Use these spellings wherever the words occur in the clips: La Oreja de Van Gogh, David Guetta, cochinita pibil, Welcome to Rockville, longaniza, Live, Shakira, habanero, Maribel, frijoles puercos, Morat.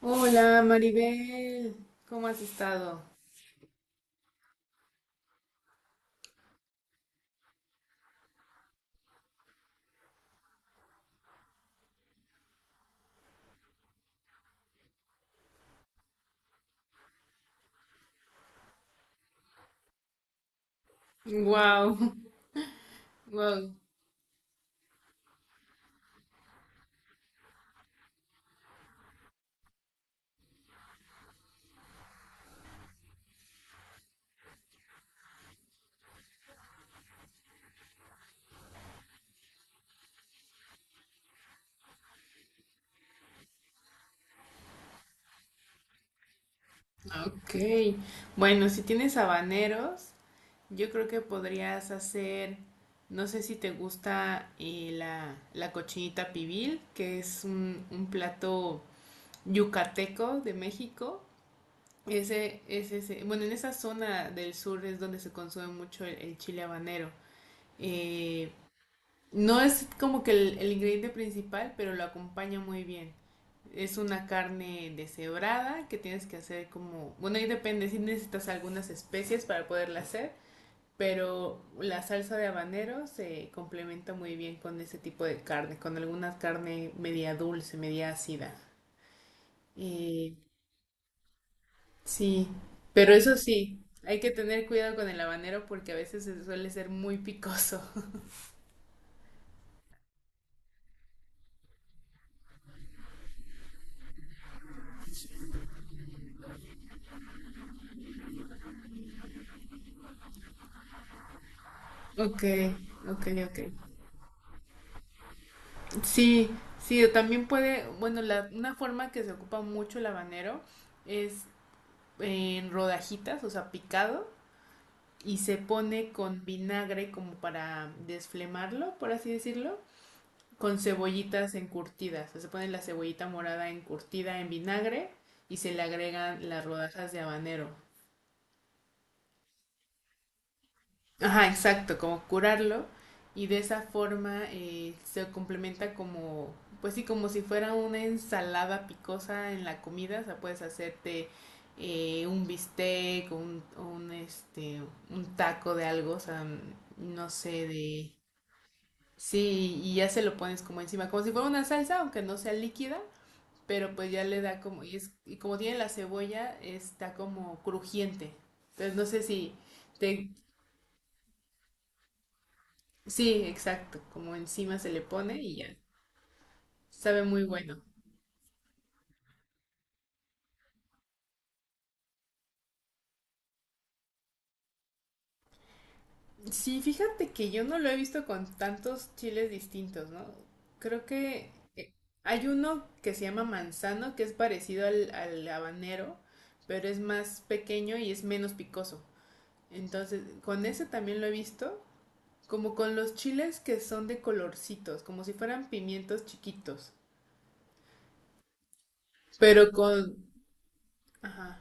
Hola, Maribel. ¿Cómo has estado? Wow, wow. Ok. Bueno, si tienes habaneros, yo creo que podrías hacer, no sé si te gusta la cochinita pibil, que es un plato yucateco de México. Ese, es ese. Bueno, en esa zona del sur es donde se consume mucho el chile habanero. Eh, No es como que el ingrediente principal, pero lo acompaña muy bien. Es una carne deshebrada que tienes que hacer como... Bueno, ahí depende si necesitas algunas especies para poderla hacer, pero la salsa de habanero se complementa muy bien con ese tipo de carne, con alguna carne media dulce, media ácida. Eh, sí, pero eso sí, hay que tener cuidado con el habanero porque a veces suele ser muy picoso. Ok, ok, ok. Sí, sí, o también puede, bueno, la, una forma que se ocupa mucho el habanero es en rodajitas, o sea, picado, y se pone con vinagre como para desflemarlo, por así decirlo, con cebollitas encurtidas. O sea, se pone la cebollita morada encurtida en vinagre y se le agregan las rodajas de habanero. Ajá, exacto, como curarlo y de esa forma se complementa como, pues sí, como si fuera una ensalada picosa en la comida, o sea, puedes hacerte un bistec, un un taco de algo, o sea, no sé, de... Sí, y ya se lo pones como encima, como si fuera una salsa, aunque no sea líquida, pero pues ya le da como, y, es, y como tiene la cebolla, está como crujiente. Entonces no sé si... ¿Te, sí, exacto, como encima se le pone y ya. Sabe muy bueno. Sí, fíjate que yo no lo he visto con tantos chiles distintos, ¿no? Creo que eh, hay uno que se llama manzano, que es parecido al habanero, pero es más pequeño y es menos picoso. Entonces, con ese también lo he visto, como con los chiles que son de colorcitos, como si fueran pimientos chiquitos, pero con... Ajá.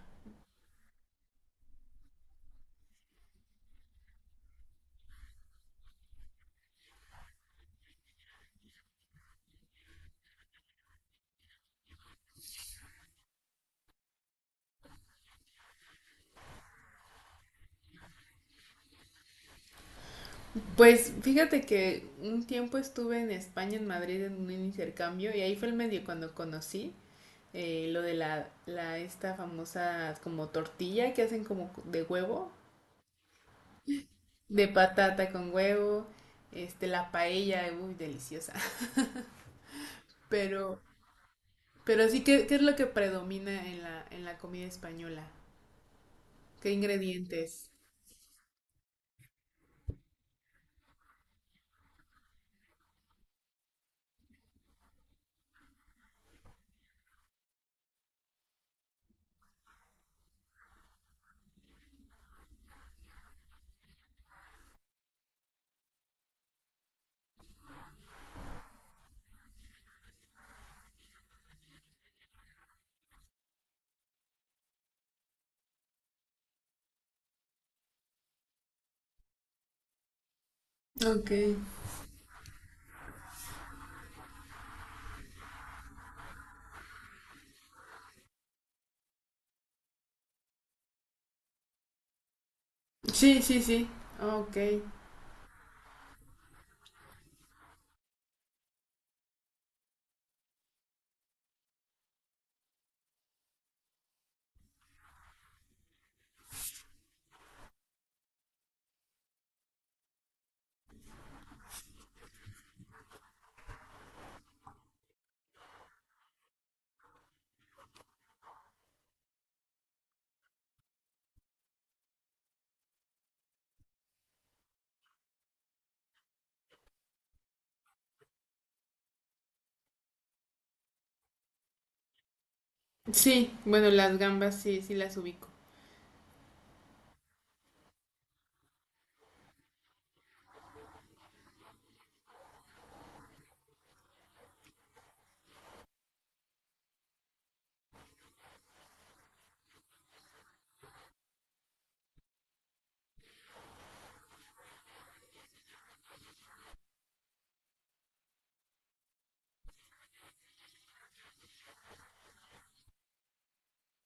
Pues fíjate que un tiempo estuve en España, en Madrid, en un intercambio y ahí fue el medio cuando conocí lo de la esta famosa como tortilla que hacen como de huevo, de patata con huevo, este la paella, uy, deliciosa. Pero, pero sí, ¿qué es lo que predomina en en la comida española? ¿Qué ingredientes? Ok. Sí, sí, sí. Ok. Sí, bueno, las gambas sí, sí las ubico.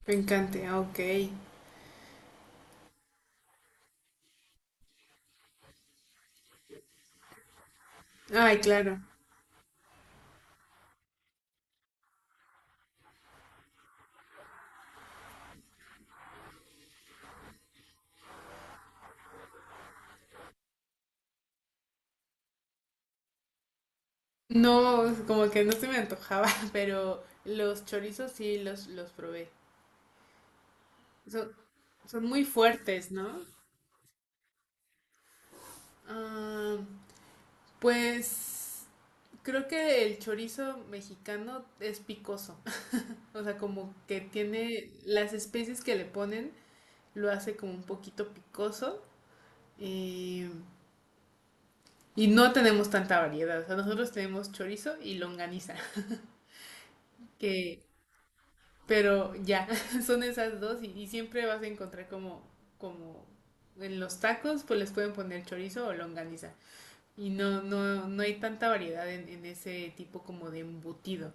Me encanta, ok. Ay, claro. No, como que no se me antojaba, pero los chorizos sí los probé. Son, son muy fuertes, ¿no? Ah, pues creo que el chorizo mexicano es picoso. O sea, como que tiene las especies que le ponen, lo hace como un poquito picoso. eh, y no tenemos tanta variedad. O sea, nosotros tenemos chorizo y longaniza, que pero ya, son esas dos y siempre vas a encontrar como, como en los tacos, pues les pueden poner chorizo o longaniza. Y no, no, no hay tanta variedad en ese tipo como de embutido.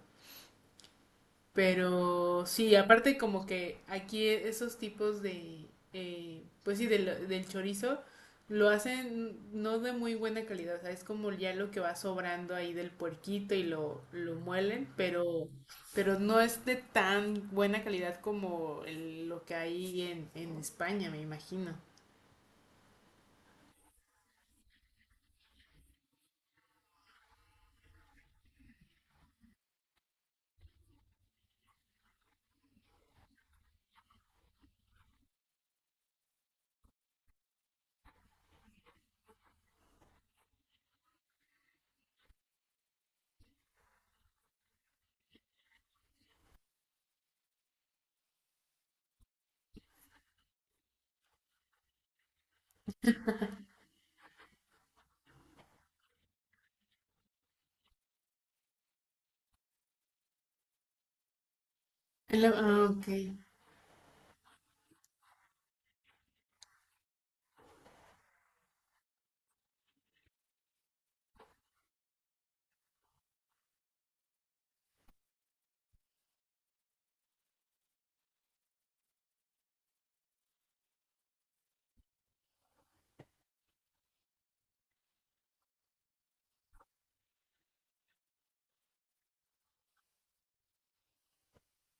Pero sí, aparte como que aquí esos tipos de, pues sí, del chorizo lo hacen no de muy buena calidad, o sea, es como ya lo que va sobrando ahí del puerquito y lo muelen, pero no es de tan buena calidad como lo que hay en España, me imagino. Ok.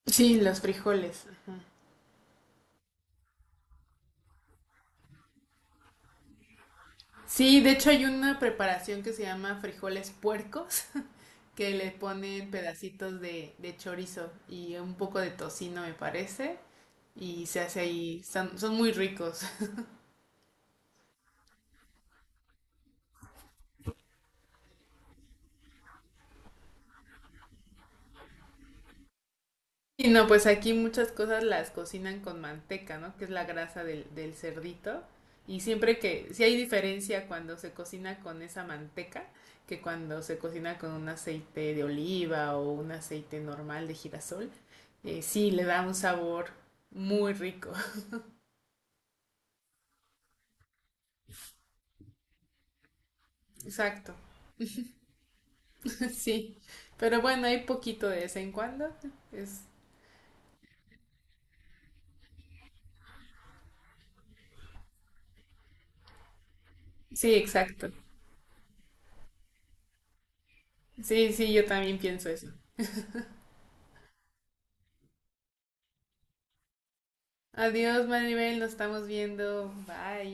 Sí, los frijoles, ajá. Sí, de hecho hay una preparación que se llama frijoles puercos, que le ponen pedacitos de chorizo y un poco de tocino, me parece, y se hace ahí, son, son muy ricos. Y no, pues aquí muchas cosas las cocinan con manteca, ¿no? Que es la grasa del cerdito. Y siempre que, si hay diferencia cuando se cocina con esa manteca que cuando se cocina con un aceite de oliva o un aceite normal de girasol, sí, le da un sabor muy rico. Exacto. Sí, pero bueno, hay poquito de vez en cuando. Es... Sí, exacto. Sí, sí, yo también pienso eso. Adiós, Maribel, nos estamos viendo. Bye.